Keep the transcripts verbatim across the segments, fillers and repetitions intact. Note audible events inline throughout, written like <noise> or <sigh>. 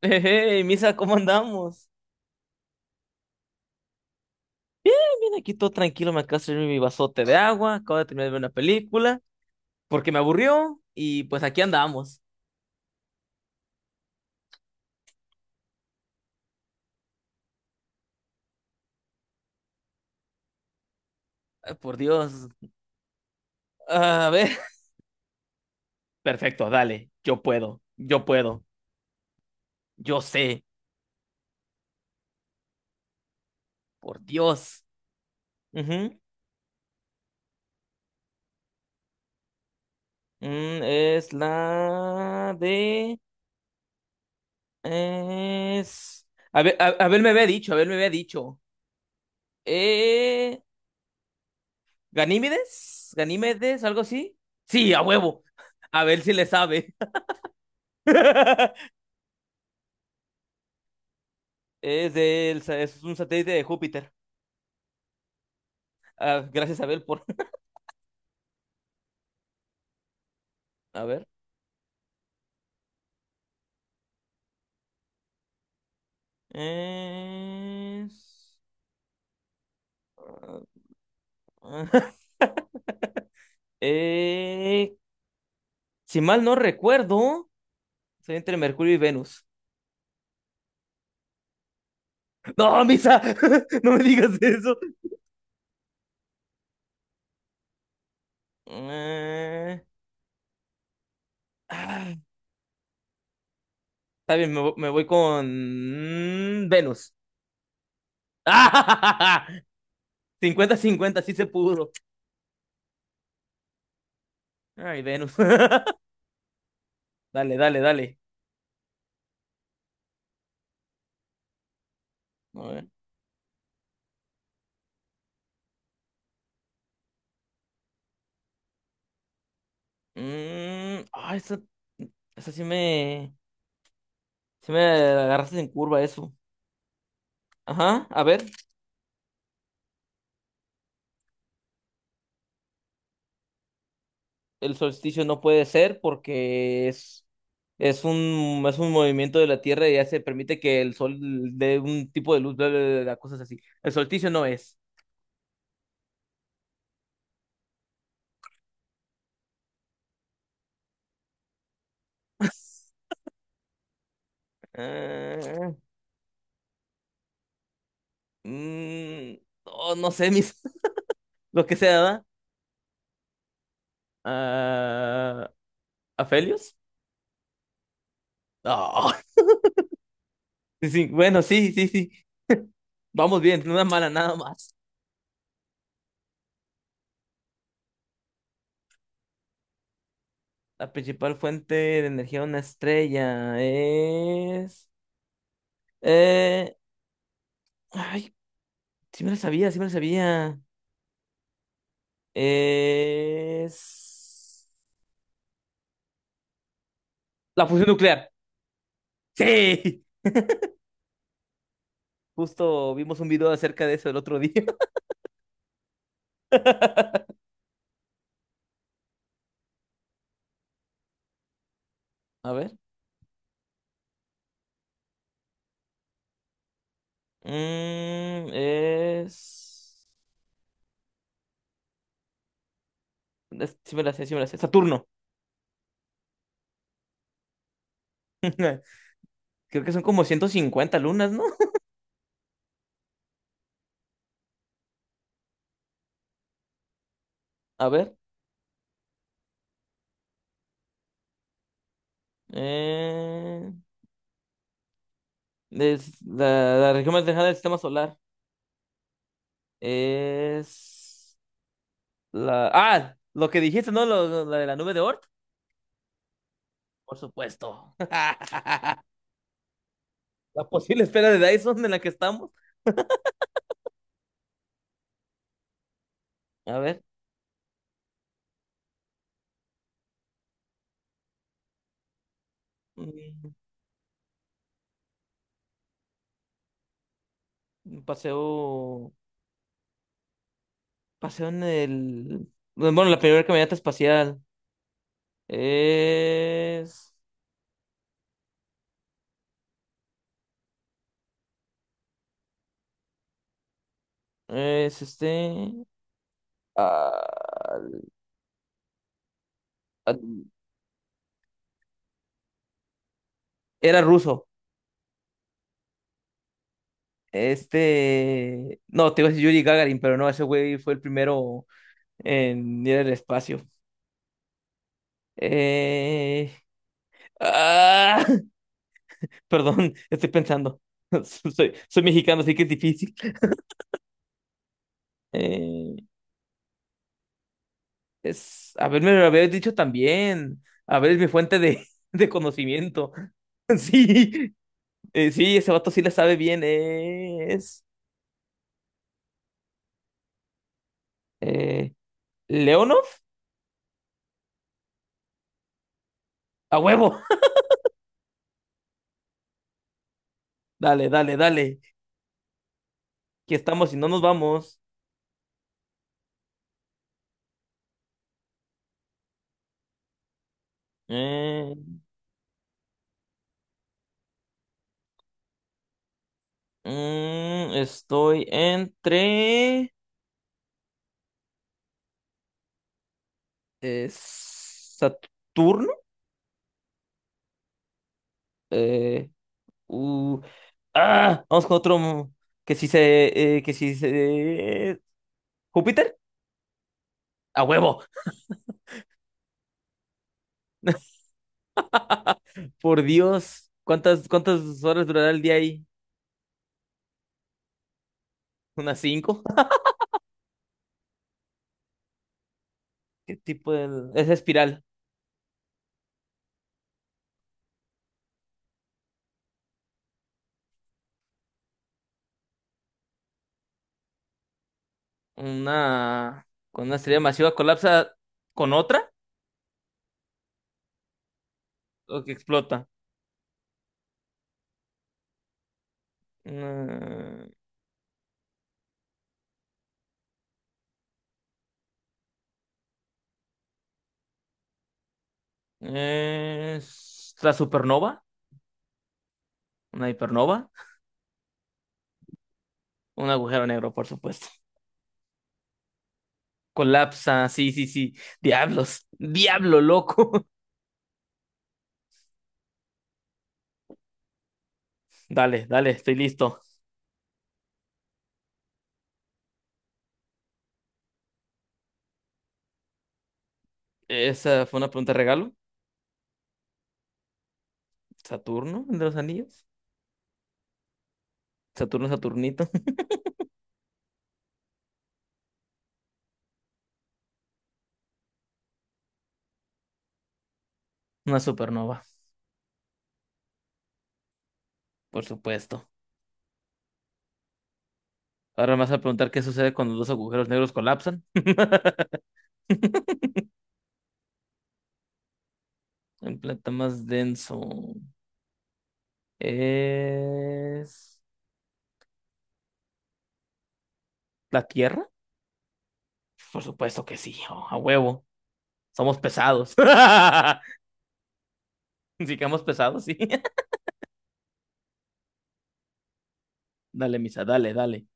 Hey, Misa, ¿cómo andamos? Bien, aquí todo tranquilo, me acabo de servir mi vasote de agua, acabo de terminar de ver una película, porque me aburrió, y pues aquí andamos. Ay, por Dios. A ver. Perfecto, dale, yo puedo, yo puedo, yo sé, por Dios. Ujú. Mm, es la de... Es... A ver, a, Abel me había dicho, Abel me había dicho. Eh... ¿Ganímedes? ¿Ganímedes? ¿Algo así? Sí, a huevo. A ver si le sabe. <laughs> Es del, sa- es un satélite de Júpiter. Ah, gracias, Abel, por. <laughs> A ver. Es- <laughs> Eh, si mal no recuerdo, soy entre Mercurio y Venus. No, Misa, <laughs> no me digas eso. Eh, ah, Está bien, me, vo- me voy con mm, Venus. <laughs> Cincuenta, cincuenta, sí se pudo. Ay, Venus. <laughs> Dale, dale, dale. A ver. Mm, ah, esa, esa sí me, sí me agarraste en curva eso. Ajá, a ver, el solsticio no puede ser porque es, es un, es un movimiento de la Tierra y ya se permite que el sol dé un tipo de luz, bla, bla, bla, bla, cosas así. El solsticio no es. <laughs> Ah, mm, no, no sé, mis, <laughs> lo que sea, ¿verdad? Ah, ¿Afelios? Ah, <laughs> sí, sí, bueno, sí, sí, sí. Vamos bien, no es mala nada más. La principal fuente de energía de una estrella es... eh, Ay, sí me la sabía, sí me la sabía. Es... La fusión nuclear. Sí. <laughs> Justo vimos un video acerca de eso el otro día. <laughs> A ver. Mm, es... es- Sí me la sé, sí me la sé. Saturno. <laughs> Creo que son como ciento cincuenta lunas, ¿no? A ver. eh, es la, la región más lejana del sistema solar. Es la... Ah, lo que dijiste, ¿no? Lo- lo- la de la nube de Oort. Por supuesto. <laughs> La posible esfera de Dyson en la que estamos. A ver. mm, Paseo. Paseo en el. Bueno, la primera caminata espacial. Es. Es este. ah, ah, Era ruso. Este. No, te iba a decir Yuri Gagarin, pero no, ese güey fue el primero en ir al espacio. Eh, Ah, <laughs> Perdón, estoy pensando. <laughs> Soy, soy mexicano, así que es difícil. Eh, es, a ver, me lo habías dicho también. A ver, es mi fuente de, de conocimiento. <laughs> Sí, eh, sí, ese vato sí le sabe bien. Es eh, Leonov, a huevo. <laughs> Dale, dale, dale. Aquí estamos y no nos vamos. Eh, mm, Estoy entre eh, Saturno. Eh, u- Ah, vamos con otro. mm, Que si se. Eh, que si se. ¿Júpiter? ¡A huevo! Por Dios. ¿Cuántas, cuántas horas durará el día ahí? ¿Unas cinco? ¿Qué tipo de. Esa espiral. Una. Con una estrella masiva colapsa con otra o que explota. Una- Es la supernova. Una hipernova. Un agujero negro, por supuesto. Colapsa, sí, sí, sí. Diablos. Diablo, loco. <laughs> Dale, dale, estoy listo. Esa fue una pregunta regalo. Saturno, el de los anillos. Saturno, Saturnito. <laughs> Una supernova, por supuesto. Ahora me vas a preguntar qué sucede cuando dos agujeros negros colapsan. <laughs> El planeta más denso es la Tierra. Por supuesto que sí, oh, a huevo. Somos pesados. <laughs> Si quedamos pesados, sí. <laughs> Dale, misa, dale, dale.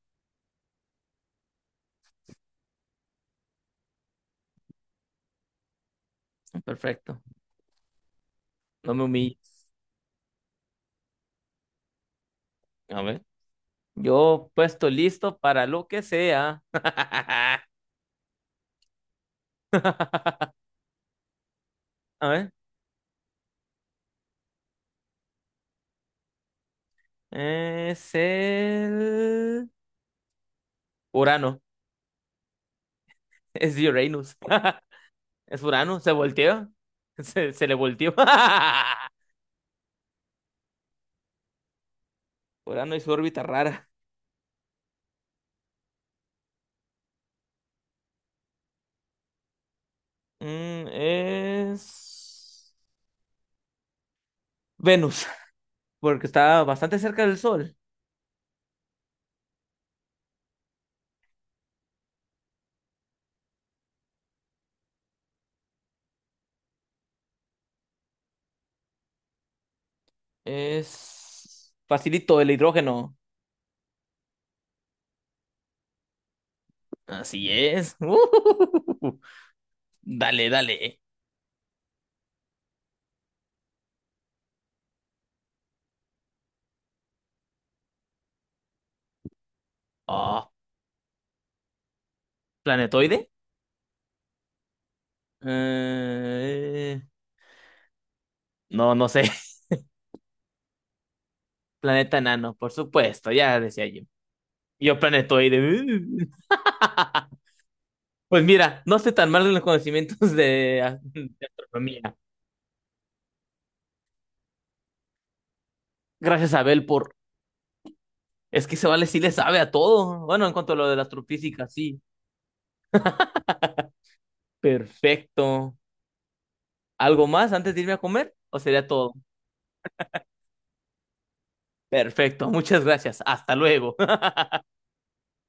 Perfecto. No me humilles. A ver. Yo puesto listo para lo que sea. <laughs> A ver. Es el... Urano. Es Uranus. <laughs> Es Urano. Se volteó. <laughs> Se, se le volteó. <laughs> Urano y su órbita rara. Mm, es... Venus. <laughs> Porque está bastante cerca del Sol. Es... Facilito el hidrógeno. Así es. <laughs> Dale, dale. Oh, ¿planetoide? Eh, No, no sé. <laughs> Planeta enano, por supuesto. Ya decía yo. Yo planetoide. <laughs> Pues mira, no sé tan mal en los conocimientos de, de astronomía. Gracias a Abel por... Es que se vale sí le sabe a todo. Bueno, en cuanto a lo de la astrofísica, sí. Perfecto. ¿Algo más antes de irme a comer? ¿O sería todo? Perfecto. Muchas gracias. Hasta luego.